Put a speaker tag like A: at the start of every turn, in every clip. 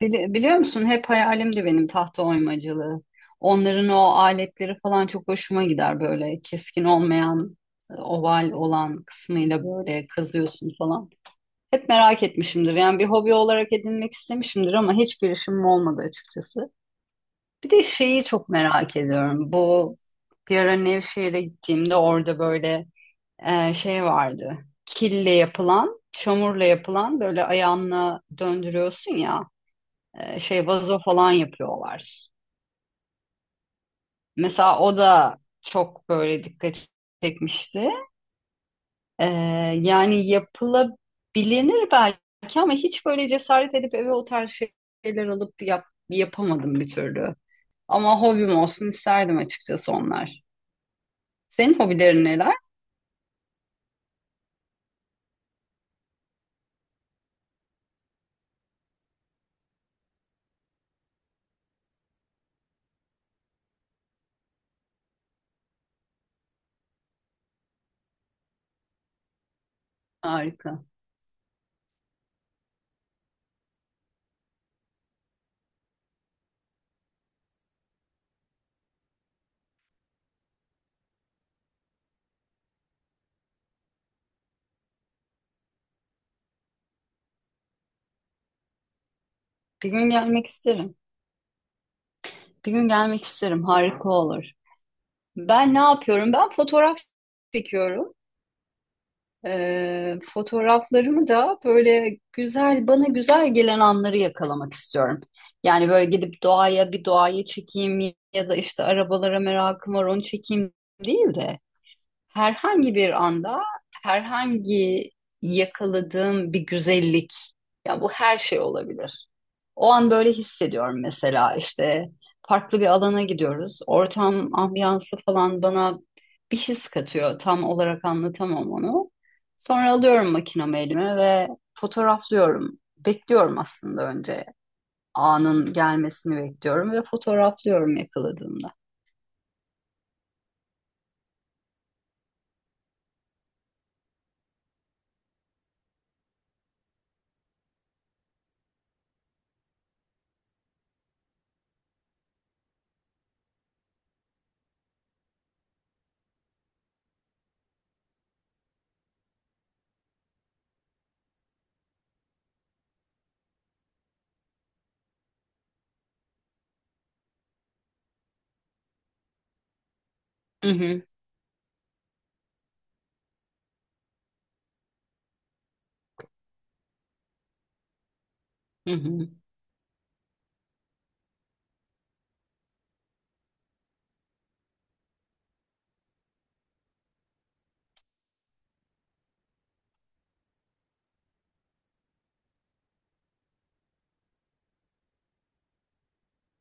A: Biliyor musun, hep hayalimdi benim tahta oymacılığı. Onların o aletleri falan çok hoşuma gider, böyle keskin olmayan oval olan kısmıyla böyle kazıyorsun falan. Hep merak etmişimdir, yani bir hobi olarak edinmek istemişimdir ama hiç girişimim olmadı açıkçası. Bir de şeyi çok merak ediyorum, bu bir ara Nevşehir'e gittiğimde orada böyle şey vardı, kille yapılan, çamurla yapılan, böyle ayağınla döndürüyorsun ya, şey vazo falan yapıyorlar. Mesela o da çok böyle dikkat çekmişti. E, Yani yapılabilir belki ama hiç böyle cesaret edip eve o tarz şeyler alıp yapamadım bir türlü. Ama hobim olsun isterdim açıkçası onlar. Senin hobilerin neler? Harika. Bir gün gelmek isterim. Bir gün gelmek isterim. Harika olur. Ben ne yapıyorum? Ben fotoğraf çekiyorum. Fotoğraflarımı da böyle güzel, bana güzel gelen anları yakalamak istiyorum. Yani böyle gidip doğaya, bir doğayı çekeyim ya da işte arabalara merakım var, onu çekeyim değil de. Herhangi bir anda, herhangi yakaladığım bir güzellik, ya bu her şey olabilir. O an böyle hissediyorum, mesela işte farklı bir alana gidiyoruz. Ortam, ambiyansı falan bana bir his katıyor. Tam olarak anlatamam onu. Sonra alıyorum makinamı elime ve fotoğraflıyorum. Bekliyorum aslında, önce anın gelmesini bekliyorum ve fotoğraflıyorum yakaladığımda. Hı hı, hı hı.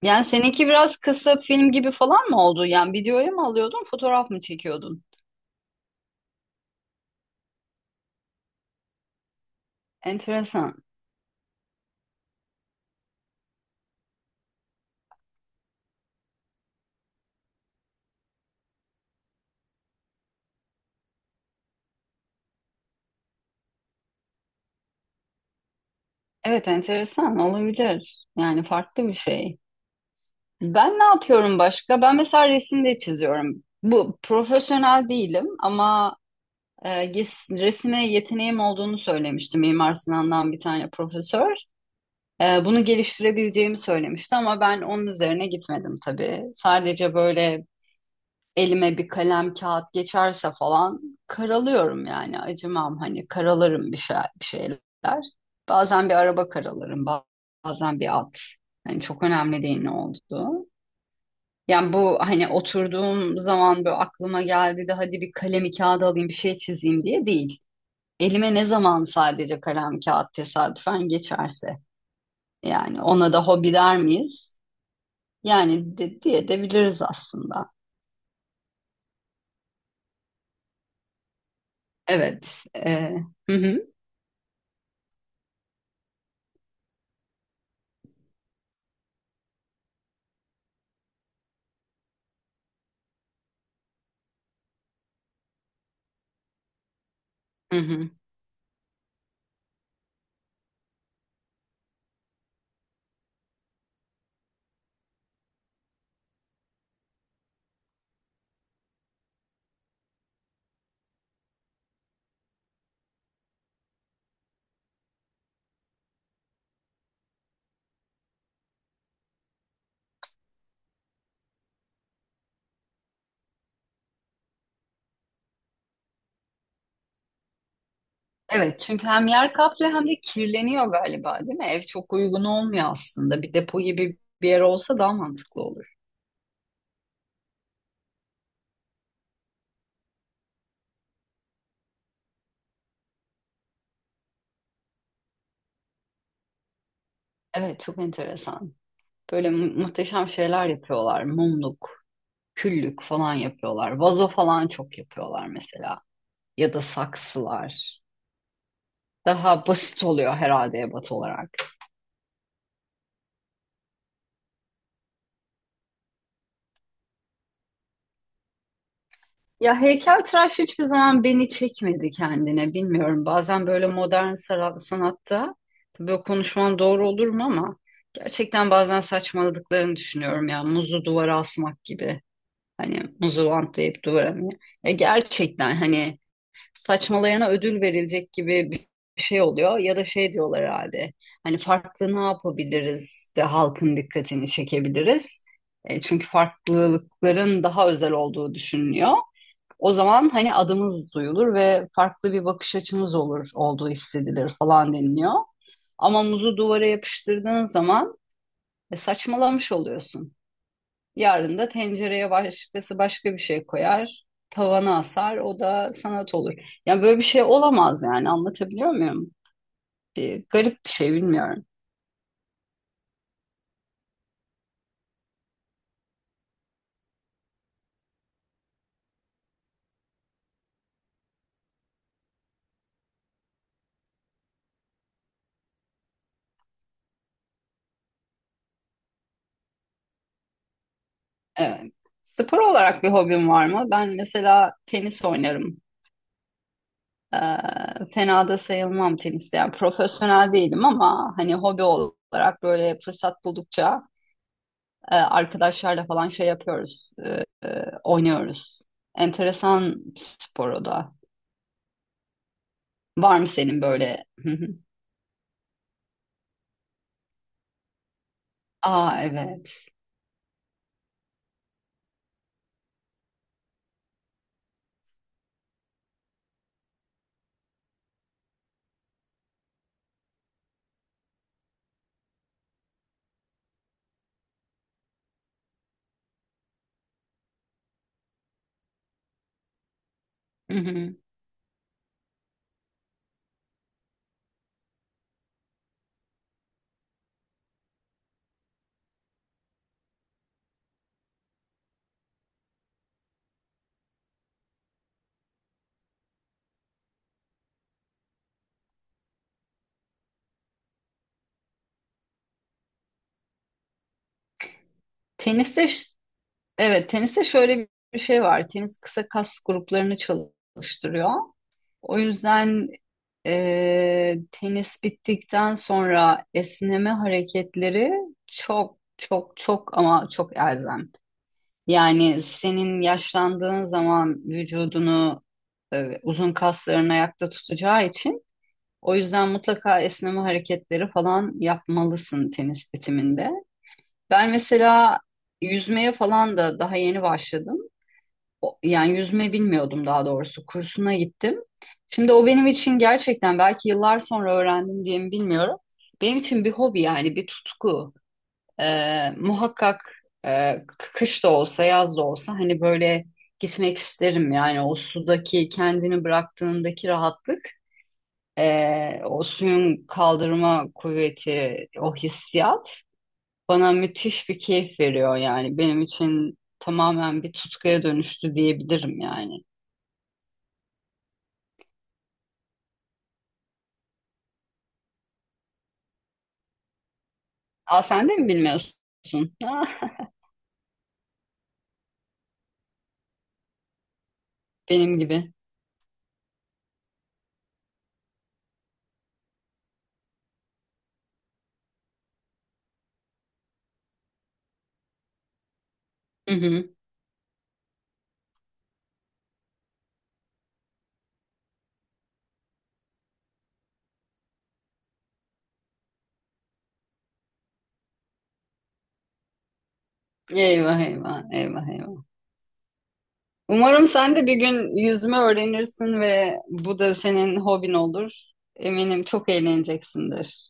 A: Yani seninki biraz kısa film gibi falan mı oldu? Yani videoya mı alıyordun, fotoğraf mı çekiyordun? Enteresan. Evet, enteresan olabilir. Yani farklı bir şey. Ben ne yapıyorum başka? Ben mesela resim de çiziyorum. Bu profesyonel değilim ama resme yeteneğim olduğunu söylemiştim, Mimar Sinan'dan bir tane profesör. Bunu geliştirebileceğimi söylemişti ama ben onun üzerine gitmedim tabii. Sadece böyle elime bir kalem kağıt geçerse falan karalıyorum, yani acımam, hani karalarım bir şey, bir şeyler. Bazen bir araba karalarım, bazen bir at. Hani çok önemli değil ne olduğu. Yani bu hani oturduğum zaman böyle aklıma geldi de hadi bir kalemi kağıda alayım, bir şey çizeyim diye değil. Elime ne zaman sadece kalem kağıt tesadüfen geçerse. Yani ona da hobi der miyiz? Yani diye de biliriz aslında. Evet. Hı hı, hı hı. Evet, çünkü hem yer kaplıyor hem de kirleniyor galiba, değil mi? Ev çok uygun olmuyor aslında. Bir depo gibi bir yer olsa daha mantıklı olur. Evet, çok enteresan. Böyle muhteşem şeyler yapıyorlar. Mumluk, küllük falan yapıyorlar. Vazo falan çok yapıyorlar mesela. Ya da saksılar. Daha basit oluyor herhalde ebat olarak. Ya heykeltıraş hiçbir zaman beni çekmedi kendine. Bilmiyorum. Bazen böyle modern sanatta, tabii o konuşman doğru olur mu ama, gerçekten bazen saçmaladıklarını düşünüyorum ya. Muzu duvara asmak gibi. Hani muzu bantlayıp duvara mı? Ya gerçekten hani saçmalayana ödül verilecek gibi bir şey oluyor ya da şey diyorlar herhalde. Hani farklı ne yapabiliriz de halkın dikkatini çekebiliriz. Çünkü farklılıkların daha özel olduğu düşünülüyor. O zaman hani adımız duyulur ve farklı bir bakış açımız olur, olduğu hissedilir falan deniliyor. Ama muzu duvara yapıştırdığın zaman saçmalamış oluyorsun. Yarın da tencereye başkası başka bir şey koyar, tavana asar, o da sanat olur. Yani böyle bir şey olamaz yani, anlatabiliyor muyum? Bir garip bir şey, bilmiyorum. Evet. Spor olarak bir hobim var mı? Ben mesela tenis oynarım. Fena da sayılmam teniste. Yani profesyonel değilim ama hani hobi olarak böyle fırsat buldukça arkadaşlarla falan şey yapıyoruz, oynuyoruz. Enteresan spor o da. Var mı senin böyle? Hı hı. Aa evet. Hı hı. Teniste ş- evet, teniste şöyle bir şey var. Tenis kısa kas gruplarını çalıştırıyor. O yüzden tenis bittikten sonra esneme hareketleri çok çok çok ama çok elzem. Yani senin yaşlandığın zaman vücudunu uzun kasların ayakta tutacağı için o yüzden mutlaka esneme hareketleri falan yapmalısın tenis bitiminde. Ben mesela yüzmeye falan da daha yeni başladım. Yani yüzme bilmiyordum daha doğrusu. Kursuna gittim. Şimdi o benim için gerçekten belki yıllar sonra öğrendim diye mi bilmiyorum. Benim için bir hobi, yani bir tutku. Muhakkak e, kış da olsa yaz da olsa hani böyle gitmek isterim. Yani o sudaki kendini bıraktığındaki rahatlık, o suyun kaldırma kuvveti, o hissiyat bana müthiş bir keyif veriyor yani. Benim için tamamen bir tutkuya dönüştü diyebilirim yani. Aa, sen de mi bilmiyorsun? Ah, benim gibi. Hı hı. Eyvah eyvah eyvah eyvah. Umarım sen de bir gün yüzme öğrenirsin ve bu da senin hobin olur. Eminim çok eğleneceksindir.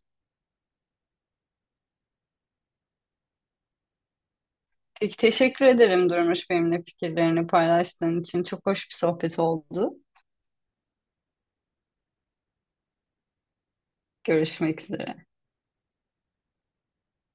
A: Peki, teşekkür ederim Durmuş, benimle fikirlerini paylaştığın için. Çok hoş bir sohbet oldu. Görüşmek üzere.